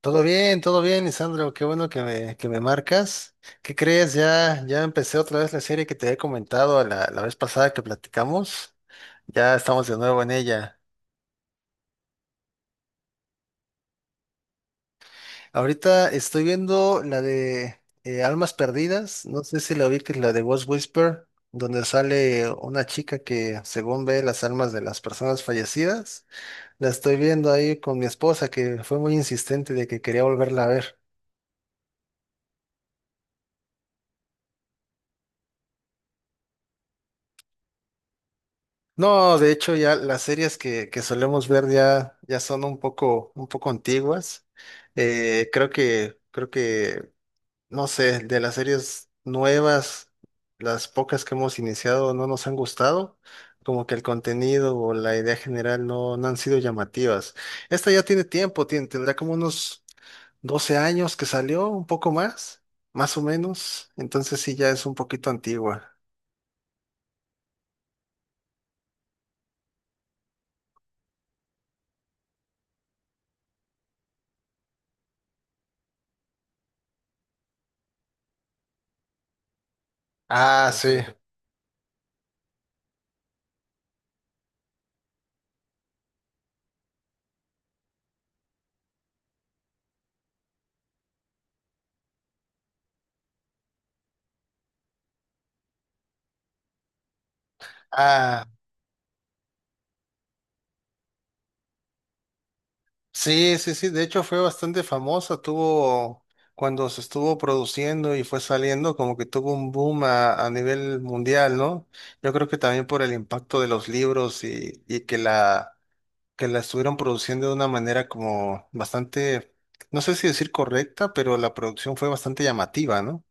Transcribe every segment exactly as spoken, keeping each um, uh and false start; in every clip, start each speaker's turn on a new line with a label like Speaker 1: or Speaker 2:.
Speaker 1: Todo bien, todo bien, Lisandro. Qué bueno que me, que me marcas. ¿Qué crees? Ya, ya empecé otra vez la serie que te había comentado la, la vez pasada que platicamos. Ya estamos de nuevo en ella. Ahorita estoy viendo la de eh, Almas Perdidas. No sé si la que la de Ghost Whisper, donde sale una chica que según ve las almas de las personas fallecidas. La estoy viendo ahí con mi esposa que fue muy insistente de que quería volverla a ver. No, de hecho ya las series que, que solemos ver ya, ya son un poco, un poco antiguas. Eh, creo que, creo que, no sé, de las series nuevas, las pocas que hemos iniciado no nos han gustado. Como que el contenido o la idea general no, no han sido llamativas. Esta ya tiene tiempo, tien- tendrá como unos doce años que salió, un poco más, más o menos. Entonces sí, ya es un poquito antigua. Ah, sí. Ah. Sí, sí, sí, de hecho fue bastante famosa, tuvo, cuando se estuvo produciendo y fue saliendo, como que tuvo un boom a, a nivel mundial, ¿no? Yo creo que también por el impacto de los libros y, y que la, que la estuvieron produciendo de una manera como bastante, no sé si decir correcta, pero la producción fue bastante llamativa, ¿no?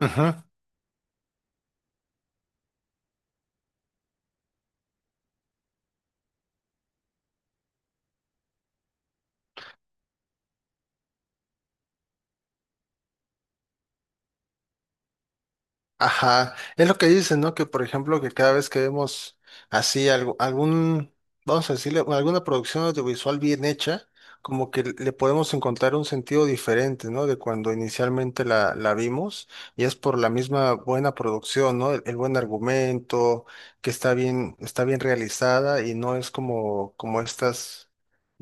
Speaker 1: Ujú. Ajá, es lo que dicen, ¿no? Que por ejemplo, que cada vez que vemos así algo, algún, vamos a decirle, alguna producción audiovisual bien hecha, como que le podemos encontrar un sentido diferente, ¿no? De cuando inicialmente la, la vimos, y es por la misma buena producción, ¿no? El, el buen argumento, que está bien, está bien realizada y no es como, como estas,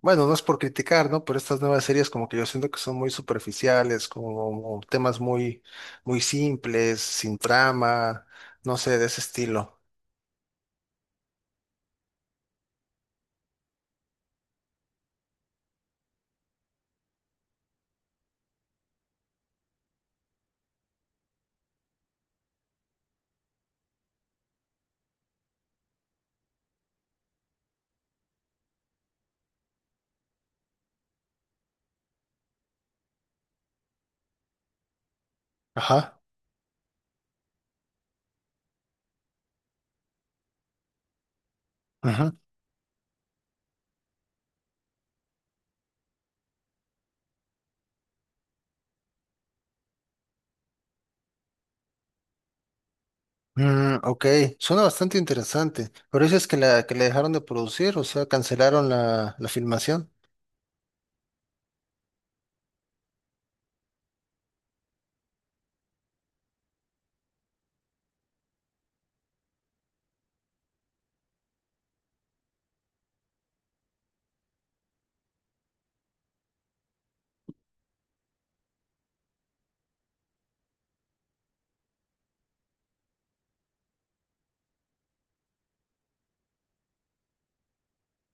Speaker 1: bueno, no es por criticar, ¿no? Pero estas nuevas series como que yo siento que son muy superficiales, como temas muy muy simples, sin trama, no sé, de ese estilo. Ajá, ajá. Mm, ok, suena bastante interesante. Pero dices que la, que la dejaron de producir, o sea, cancelaron la, la filmación.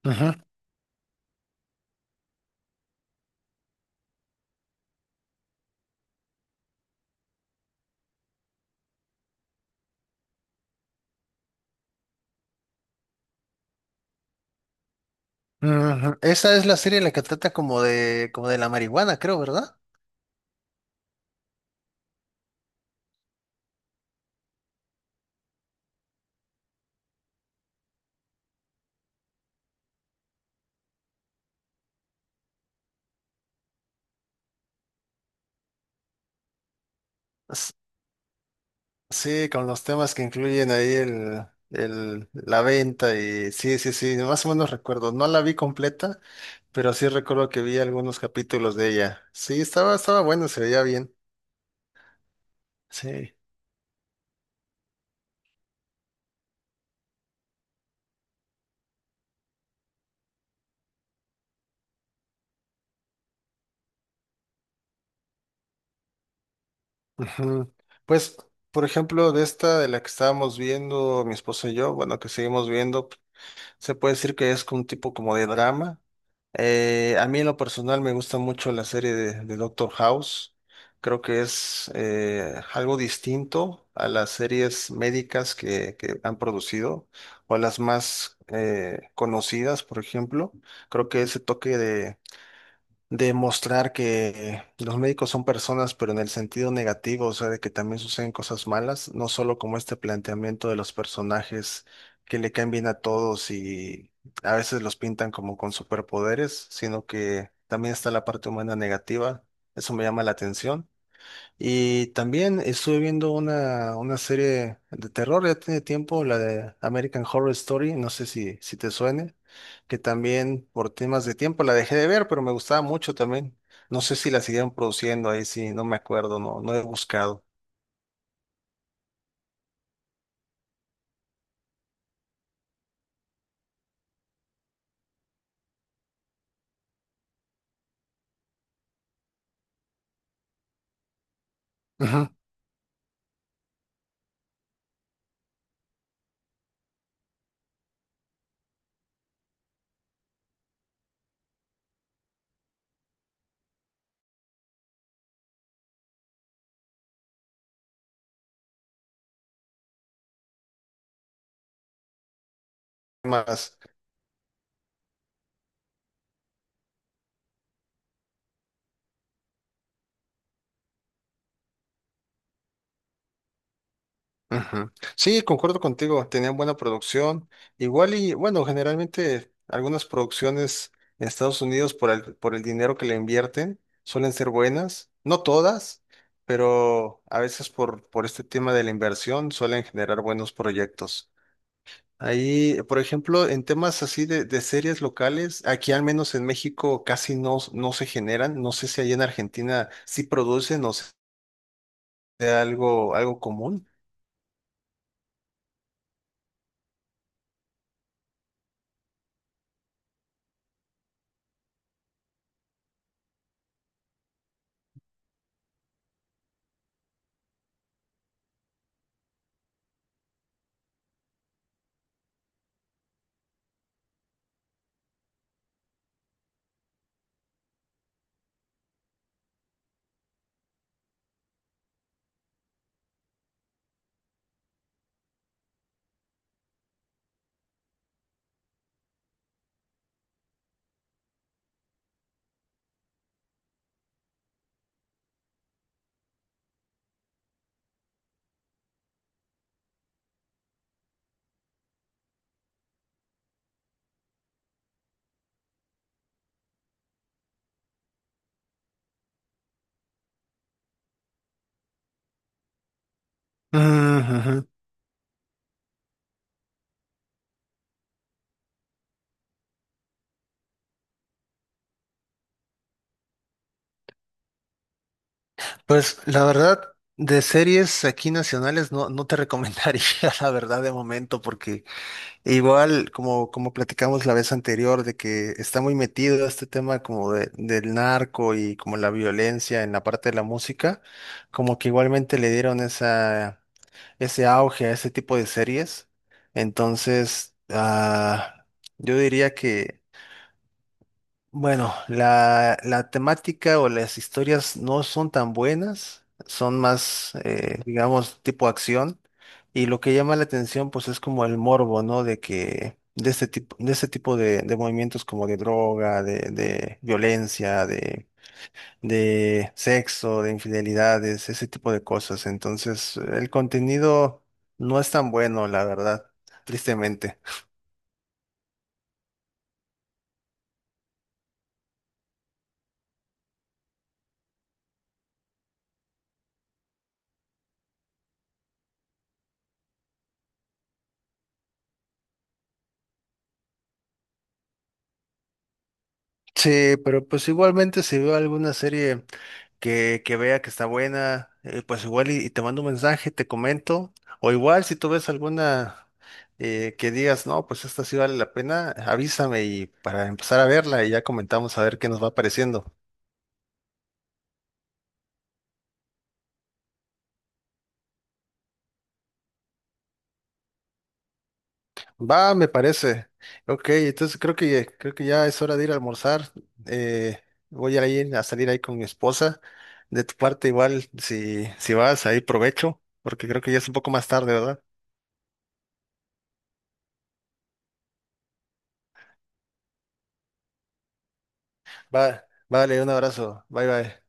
Speaker 1: Ujú, ujú. Esa es la serie en la que trata como de, como de la marihuana, creo, ¿verdad? S- Sí, con los temas que incluyen ahí el, el, la venta y sí, sí, sí, más o menos recuerdo. No la vi completa, pero sí recuerdo que vi algunos capítulos de ella. Sí, estaba, estaba bueno, se veía bien. Sí. Ujú. Pues, por ejemplo, de esta de la que estábamos viendo, mi esposo y yo, bueno, que seguimos viendo, se puede decir que es un tipo como de drama. Eh, a mí en lo personal me gusta mucho la serie de, de Doctor House. Creo que es eh, algo distinto a las series médicas que, que han producido o a las más eh, conocidas, por ejemplo. Creo que ese toque de de mostrar que los médicos son personas, pero en el sentido negativo, o sea, de que también suceden cosas malas, no solo como este planteamiento de los personajes que le caen bien a todos y a veces los pintan como con superpoderes, sino que también está la parte humana negativa. Eso me llama la atención. Y también estuve viendo una, una serie de terror, ya tiene tiempo, la de American Horror Story, no sé si, si te suene, que también por temas de tiempo la dejé de ver, pero me gustaba mucho también. No sé si la siguieron produciendo ahí, sí, no me acuerdo, no, no he buscado. Ujú. Más. Ujú. Sí, concuerdo contigo, tenían buena producción. Igual y bueno, generalmente algunas producciones en Estados Unidos por el, por el dinero que le invierten suelen ser buenas, no todas, pero a veces por, por este tema de la inversión suelen generar buenos proyectos. Ahí, por ejemplo, en temas así de, de series locales, aquí al menos en México casi no, no se generan. No sé si allá en Argentina sí producen o sea algo, algo común. Ujú. Pues la verdad, de series aquí nacionales no, no te recomendaría la verdad de momento, porque igual como, como platicamos la vez anterior, de que está muy metido este tema como de- del narco y como la violencia en la parte de la música, como que igualmente le dieron esa, ese auge a ese tipo de series. Entonces, ah, yo diría que bueno, la, la temática o las historias no son tan buenas, son más, eh, digamos, tipo acción. Y lo que llama la atención, pues, es como el morbo, ¿no? De que, de este tipo, de este tipo de, de movimientos como de droga, de, de violencia, de, de sexo, de infidelidades, ese tipo de cosas. Entonces, el contenido no es tan bueno, la verdad, tristemente. Sí, pero pues igualmente si veo alguna serie que, que vea que está buena, eh, pues igual y, y te mando un mensaje, te comento, o igual si tú ves alguna eh, que digas, no, pues esta sí vale la pena, avísame y para empezar a verla y ya comentamos a ver qué nos va pareciendo. Va, me parece. Ok, entonces creo que, creo que ya es hora de ir a almorzar. Eh, voy a ir a salir ahí con mi esposa. De tu parte igual, si, si vas, ahí provecho, porque creo que ya es un poco más tarde, ¿verdad? Va, vale, un abrazo. Bye bye.